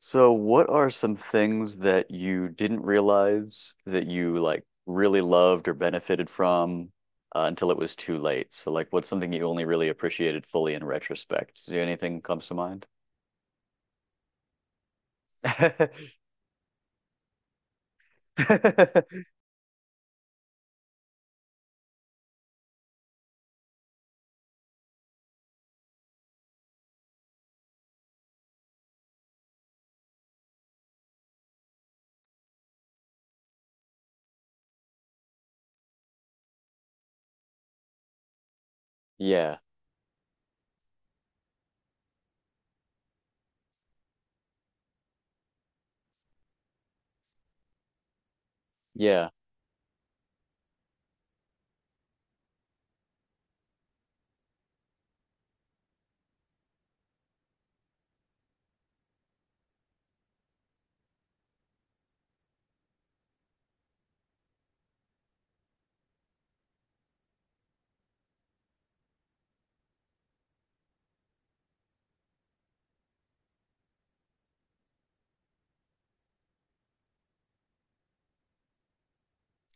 So, what are some things that you didn't realize that you like really loved or benefited from until it was too late? So, like, what's something you only really appreciated fully in retrospect? Do anything comes to mind? Yeah. Yeah.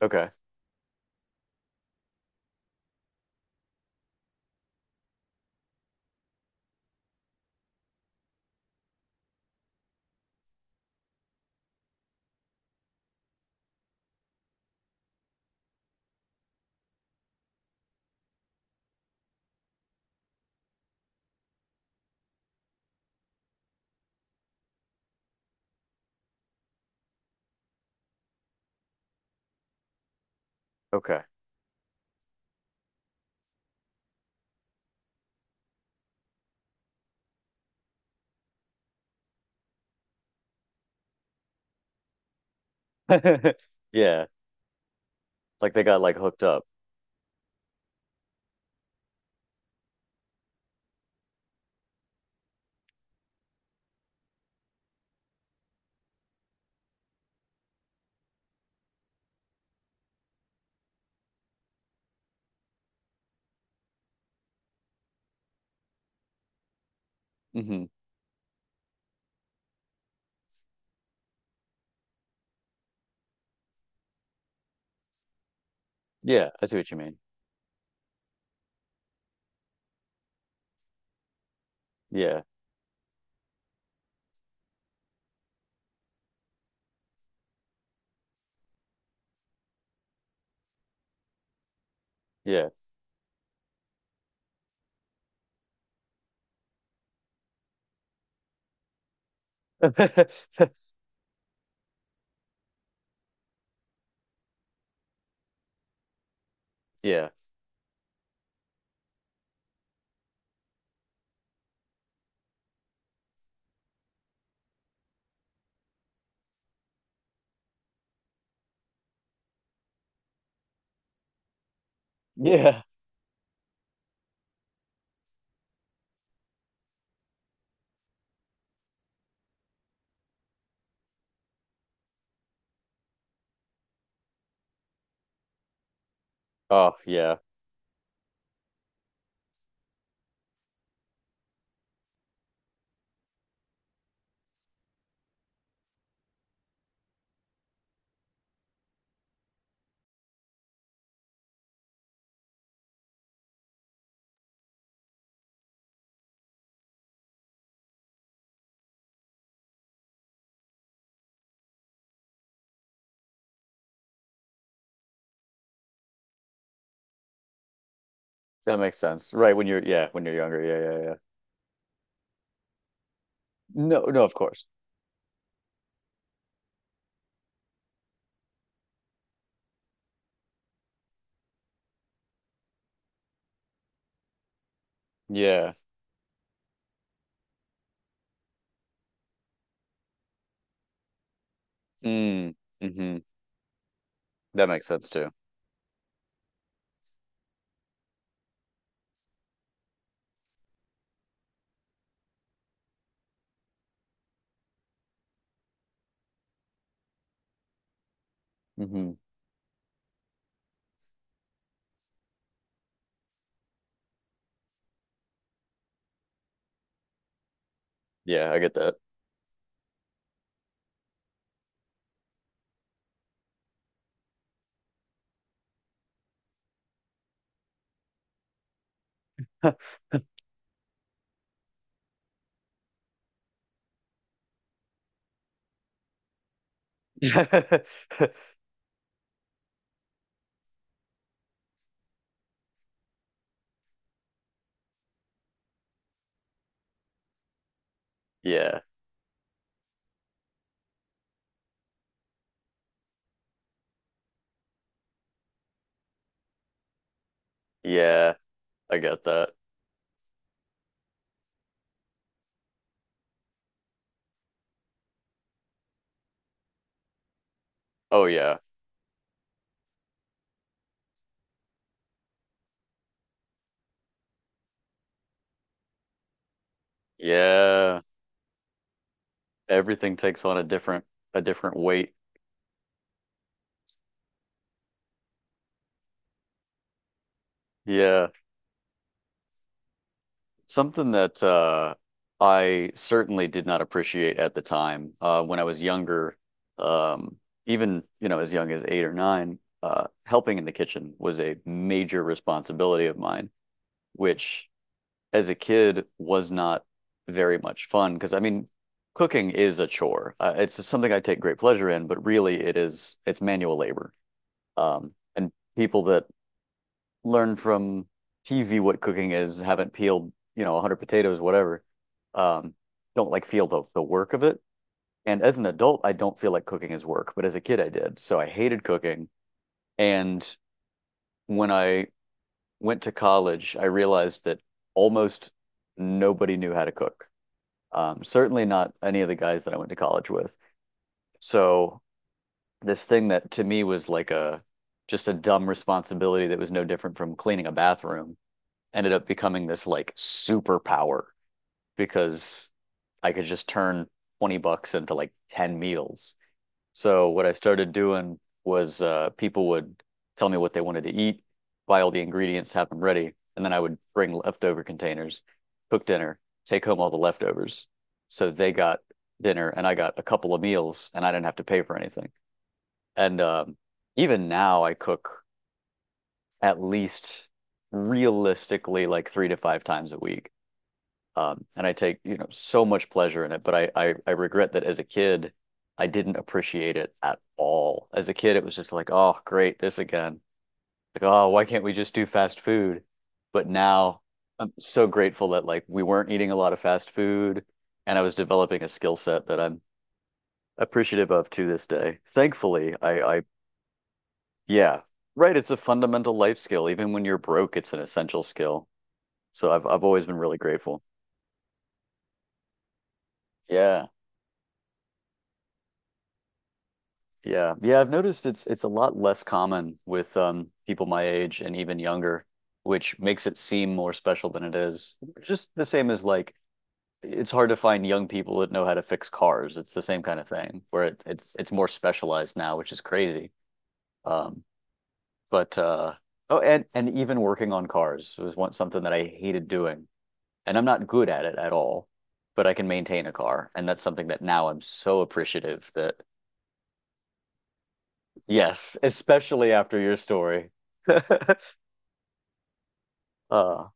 Okay. Okay. Yeah. Like they got like hooked up. Hmm. Yeah, I see what you mean. Yeah. Yeah. Yeah. Yeah. Oh, yeah. That makes sense. Right, when you're, yeah, when you're younger. Yeah, yeah, yeah. No, no, of course. Yeah. Mm, hmm. That makes sense too. Hmm. Yeah, I get that. Yeah. Yeah, I get that. Oh yeah. Yeah. Everything takes on a different weight. Yeah. Something that I certainly did not appreciate at the time. When I was younger, um even, you know, as young as 8 or 9, helping in the kitchen was a major responsibility of mine, which as a kid was not very much fun because I mean, cooking is a chore. It's something I take great pleasure in, but really it's manual labor. And people that learn from TV what cooking is haven't peeled, you know, 100 potatoes, whatever, um, don't like feel the work of it. And as an adult, I don't feel like cooking is work, but as a kid, I did. So I hated cooking. And when I went to college, I realized that almost nobody knew how to cook. Certainly not any of the guys that I went to college with. So this thing that to me was like a just a dumb responsibility that was no different from cleaning a bathroom ended up becoming this like superpower because I could just turn 20 bucks into like 10 meals. So what I started doing was people would tell me what they wanted to eat, buy all the ingredients, have them ready, and then I would bring leftover containers, cook dinner, take home all the leftovers. So they got dinner and I got a couple of meals and I didn't have to pay for anything. And even now I cook at least realistically like three to five times a week. And I take, you know, so much pleasure in it, but I regret that as a kid, I didn't appreciate it at all. As a kid, it was just like, oh, great, this again. Like, oh, why can't we just do fast food? But now I'm so grateful that like we weren't eating a lot of fast food, and I was developing a skill set that I'm appreciative of to this day. Thankfully, I yeah, right, it's a fundamental life skill. Even when you're broke, it's an essential skill. So I've always been really grateful. Yeah. Yeah. Yeah, I've noticed it's a lot less common with people my age and even younger, which makes it seem more special than it is. Just the same as like it's hard to find young people that know how to fix cars. It's the same kind of thing where it's more specialized now, which is crazy. Um, but oh, and even working on cars was one something that I hated doing. And I'm not good at it at all, but I can maintain a car. And that's something that now I'm so appreciative that. Yes, especially after your story. Uh,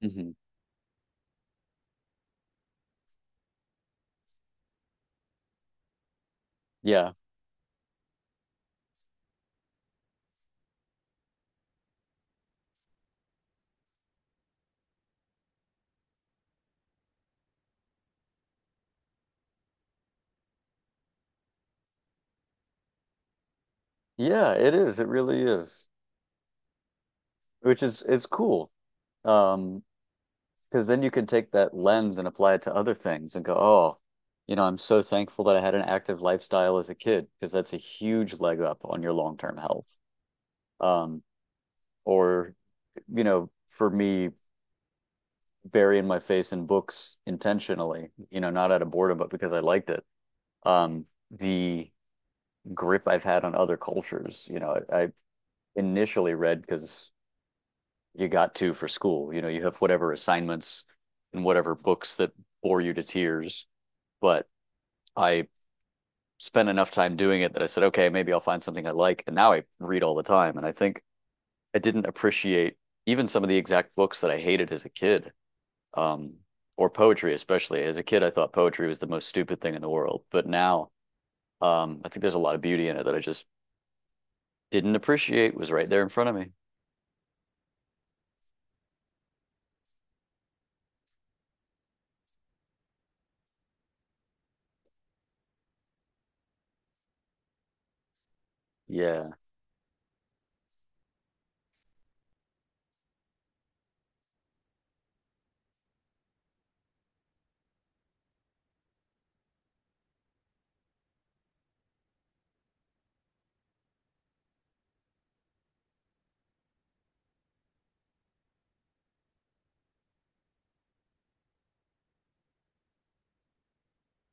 mhm. Yeah. Yeah, it is. It really is. Which is it's cool. Um, because then you can take that lens and apply it to other things and go, oh, you know, I'm so thankful that I had an active lifestyle as a kid because that's a huge leg up on your long-term health. Um, or, you know, for me, burying my face in books intentionally, you know, not out of boredom, but because I liked it. Um, the grip I've had on other cultures. You know, I initially read because you got to for school. You know, you have whatever assignments and whatever books that bore you to tears. But I spent enough time doing it that I said, okay, maybe I'll find something I like. And now I read all the time. And I think I didn't appreciate even some of the exact books that I hated as a kid, um, or poetry, especially. As a kid, I thought poetry was the most stupid thing in the world. But now I think there's a lot of beauty in it that I just didn't appreciate was right there in front of me. Yeah.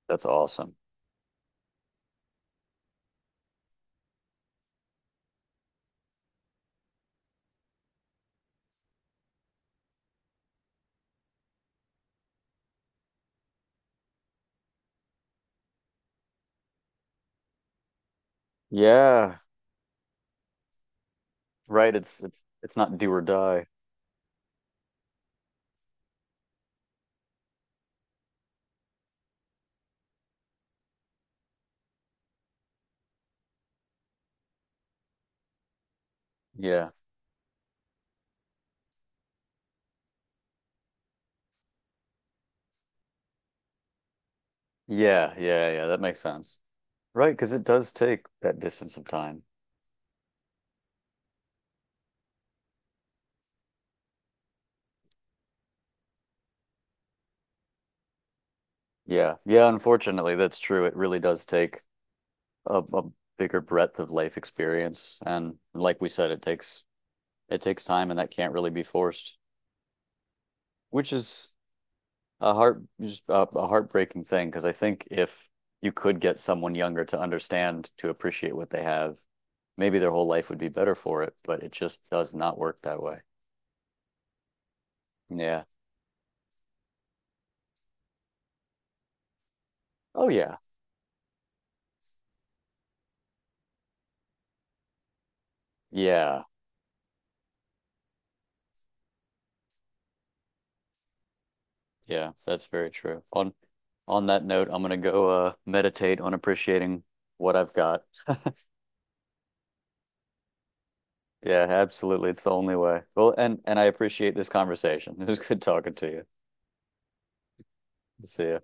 That's awesome. Yeah, right. It's not do or die. Yeah. Yeah, yeah, yeah, that makes sense. Right, because it does take that distance of time. Yeah. Yeah, unfortunately, that's true. It really does take a bigger breadth of life experience. And like we said, it takes time and that can't really be forced, which is a heart just a heartbreaking thing because I think if you could get someone younger to understand to appreciate what they have, maybe their whole life would be better for it, but it just does not work that way. Yeah. Oh yeah. Yeah. Yeah, that's very true. On that note, I'm gonna go meditate on appreciating what I've got. Yeah, absolutely. It's the only way. Well, and I appreciate this conversation. It was good talking to you. See ya.